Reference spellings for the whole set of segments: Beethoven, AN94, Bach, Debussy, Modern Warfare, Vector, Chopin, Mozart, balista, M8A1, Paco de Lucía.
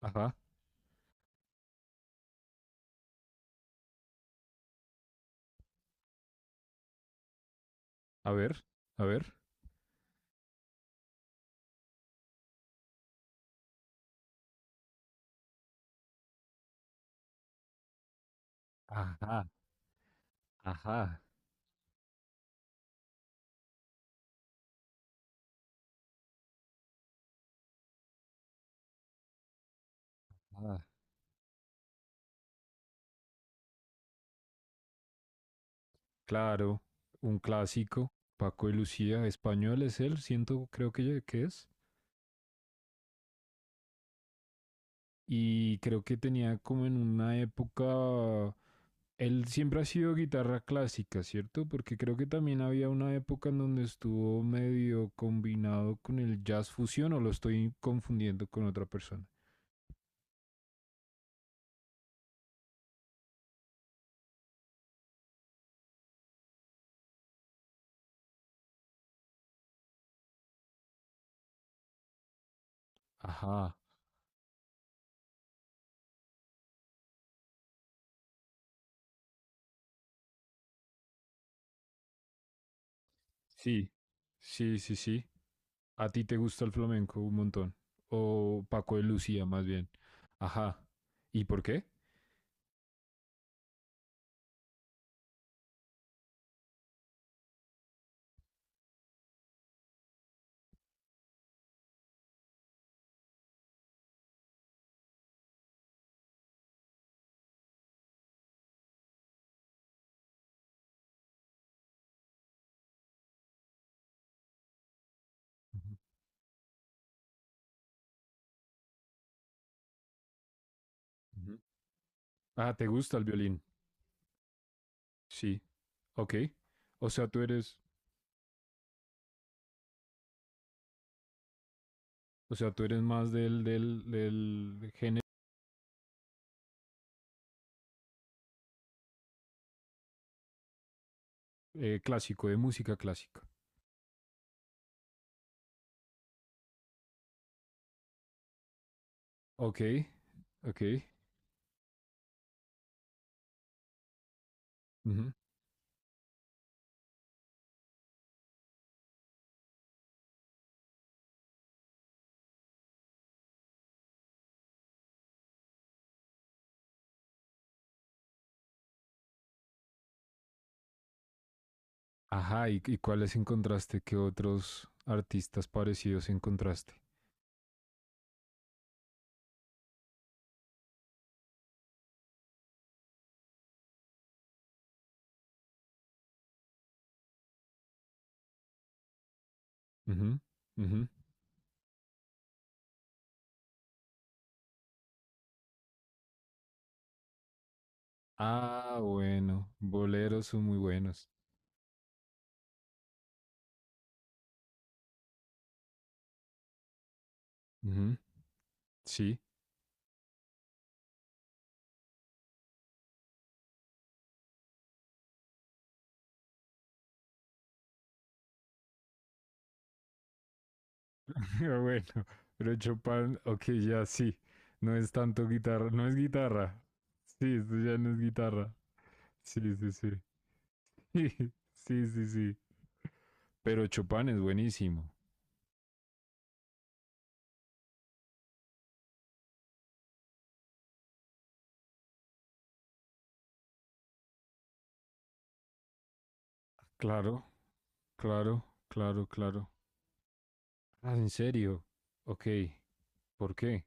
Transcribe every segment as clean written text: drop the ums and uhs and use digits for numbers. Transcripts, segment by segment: Ajá, a ver, a ver. Ajá, ajá, ah, claro, un clásico. Paco y Lucía, español es él, siento, creo que, que es. Y creo que tenía como en una época. Él siempre ha sido guitarra clásica, ¿cierto? Porque creo que también había una época en donde estuvo medio combinado con el jazz fusión, o lo estoy confundiendo con otra persona. Ajá, sí, sí, sí, sí. ¿A ti te gusta el flamenco un montón? O Paco de Lucía, más bien. Ajá. ¿Y por qué? Ujú, ujú. Ah, ¿te gusta el violín? Sí. Ok. O sea, tú eres, o sea, tú eres más del género clásico, de música clásica. Ok, ok. Ujú. Ajá, ¿y, cuáles encontraste? ¿Qué otros artistas parecidos encontraste? Ujú, ujú. Ah, bueno, boleros son muy buenos. Ujú, sí. Pero bueno, pero Chopin, ok, ya sí. No es tanto guitarra, no es guitarra. Sí, esto ya no es guitarra. Sí, sí, sí. Sí, sí, sí. Pero Chopin es buenísimo. Claro, claro, claro, claro. Ah, ¿en serio? Ok, ¿por qué?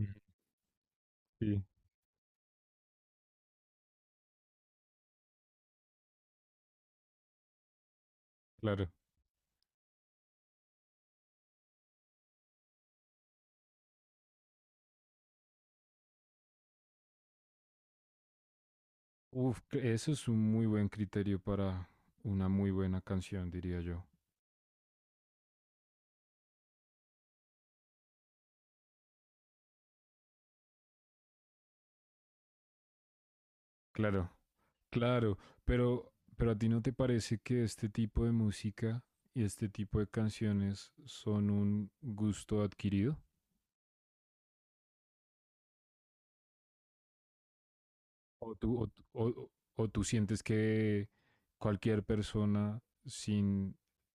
Mm. Sí, claro. Uf, que eso es un muy buen criterio para una muy buena canción, diría yo. Claro, claro, pero ¿a ti no te parece que este tipo de música y este tipo de canciones son un gusto adquirido? ¿O tú, o, o tú sientes que cualquier persona sin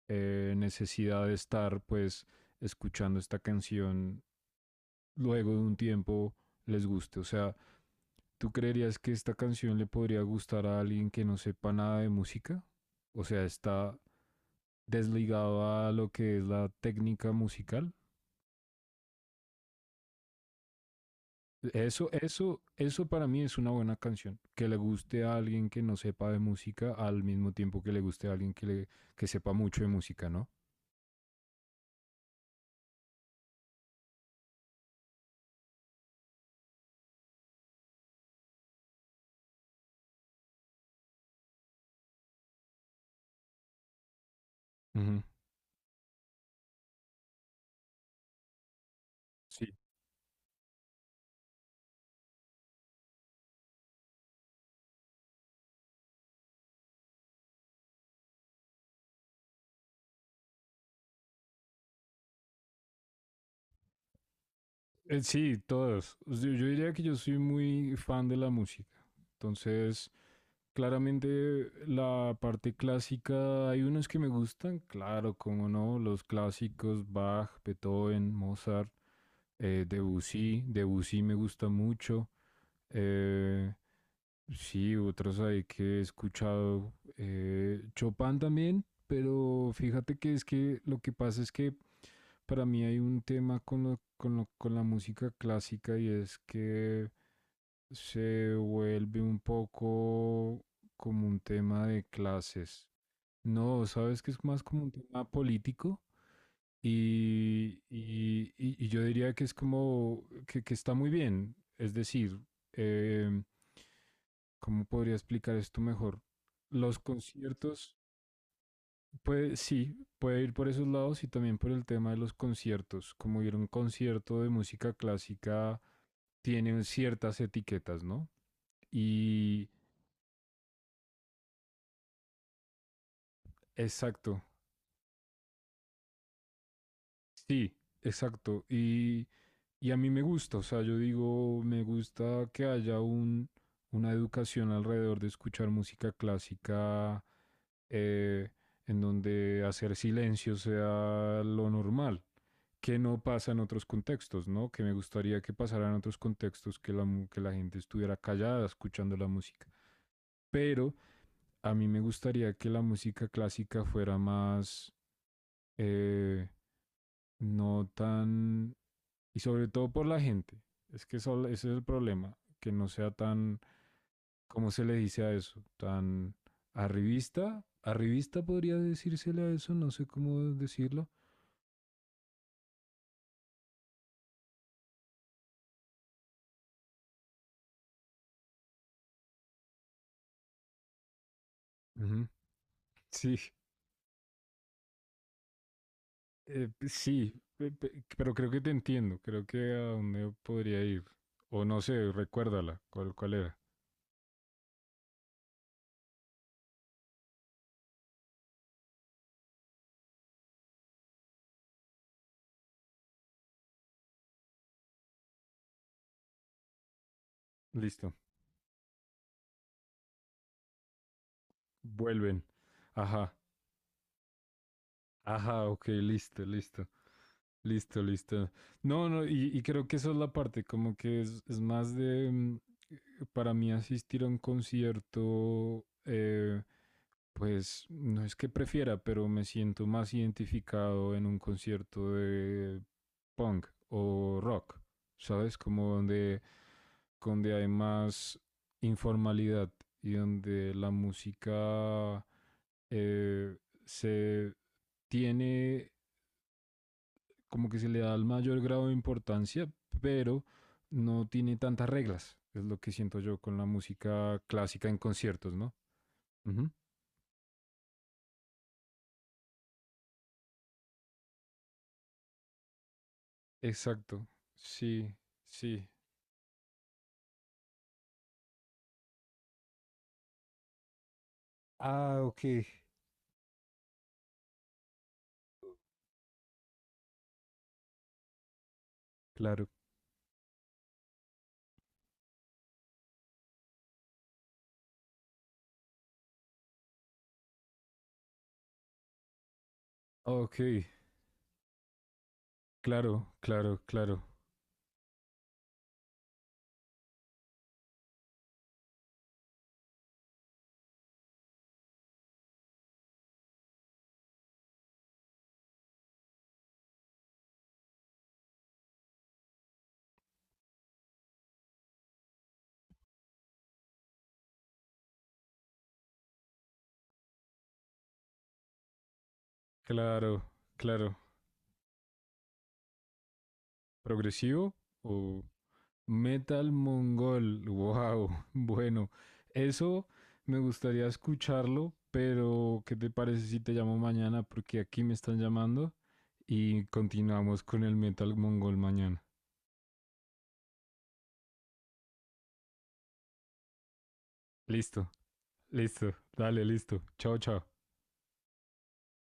necesidad de estar pues escuchando esta canción luego de un tiempo les guste? O sea, ¿tú creerías que esta canción le podría gustar a alguien que no sepa nada de música? O sea, está desligado a lo que es la técnica musical. Eso para mí es una buena canción. Que le guste a alguien que no sepa de música al mismo tiempo que le guste a alguien que, le, que sepa mucho de música, ¿no? Ujú. Sí. Sí, todas. O yo diría que yo soy muy fan de la música. Entonces, claramente la parte clásica, hay unos que me gustan, claro, como no, los clásicos, Bach, Beethoven, Mozart, Debussy, Debussy me gusta mucho. eh, sí, otros ahí que he escuchado, Chopin también, pero fíjate que es que lo que pasa es que para mí hay un tema con, con la música clásica y es que se vuelve un poco como un tema de clases. No, sabes que es más como un tema político y yo diría que es como que está muy bien. Es decir, em, ¿cómo podría explicar esto mejor? Los conciertos puede, sí, puede ir por esos lados y también por el tema de los conciertos. Como ir a un concierto de música clásica tiene ciertas etiquetas, ¿no? Y exacto, sí, exacto. Y a mí me gusta, o sea, yo digo, me gusta que haya un, una educación alrededor de escuchar música clásica eh, en donde hacer silencio sea lo normal. Que no pasa en otros contextos, ¿no? Que me gustaría que pasara en otros contextos, que que la gente estuviera callada escuchando la música. Pero a mí me gustaría que la música clásica fuera más, eh, no tan, y sobre todo por la gente. Es que ese es el problema, que no sea tan, ¿cómo se le dice a eso? Tan arribista, arribista podría decírsele a eso, no sé cómo decirlo. Ujú, sí. Sí, pero creo que te entiendo. Creo que a dónde podría ir. O no sé, recuérdala. ¿Cuál, cuál era? Listo. Vuelven. Ajá. Ajá, ok, listo, listo. Listo, listo. No, no, y creo que esa es la parte, como que es más de, mm, eh, para mí asistir a un concierto, pues no es que prefiera, pero me siento más identificado en un concierto de punk o rock, ¿sabes? Como donde, donde hay más informalidad y donde la música eh, se tiene, como que se le da el mayor grado de importancia, pero no tiene tantas reglas. Es lo que siento yo con la música clásica en conciertos, ¿no? Ujú. Exacto. Sí, sí. Ah, ok. Claro. Ok. Claro, claro, claro. Claro, claro. ¿Progresivo o metal mongol? Wow. Bueno, eso me gustaría escucharlo, pero ¿qué te parece si te llamo mañana? Porque aquí me están llamando y continuamos con el metal mongol mañana. Listo, listo. Dale, listo. Chao, chao.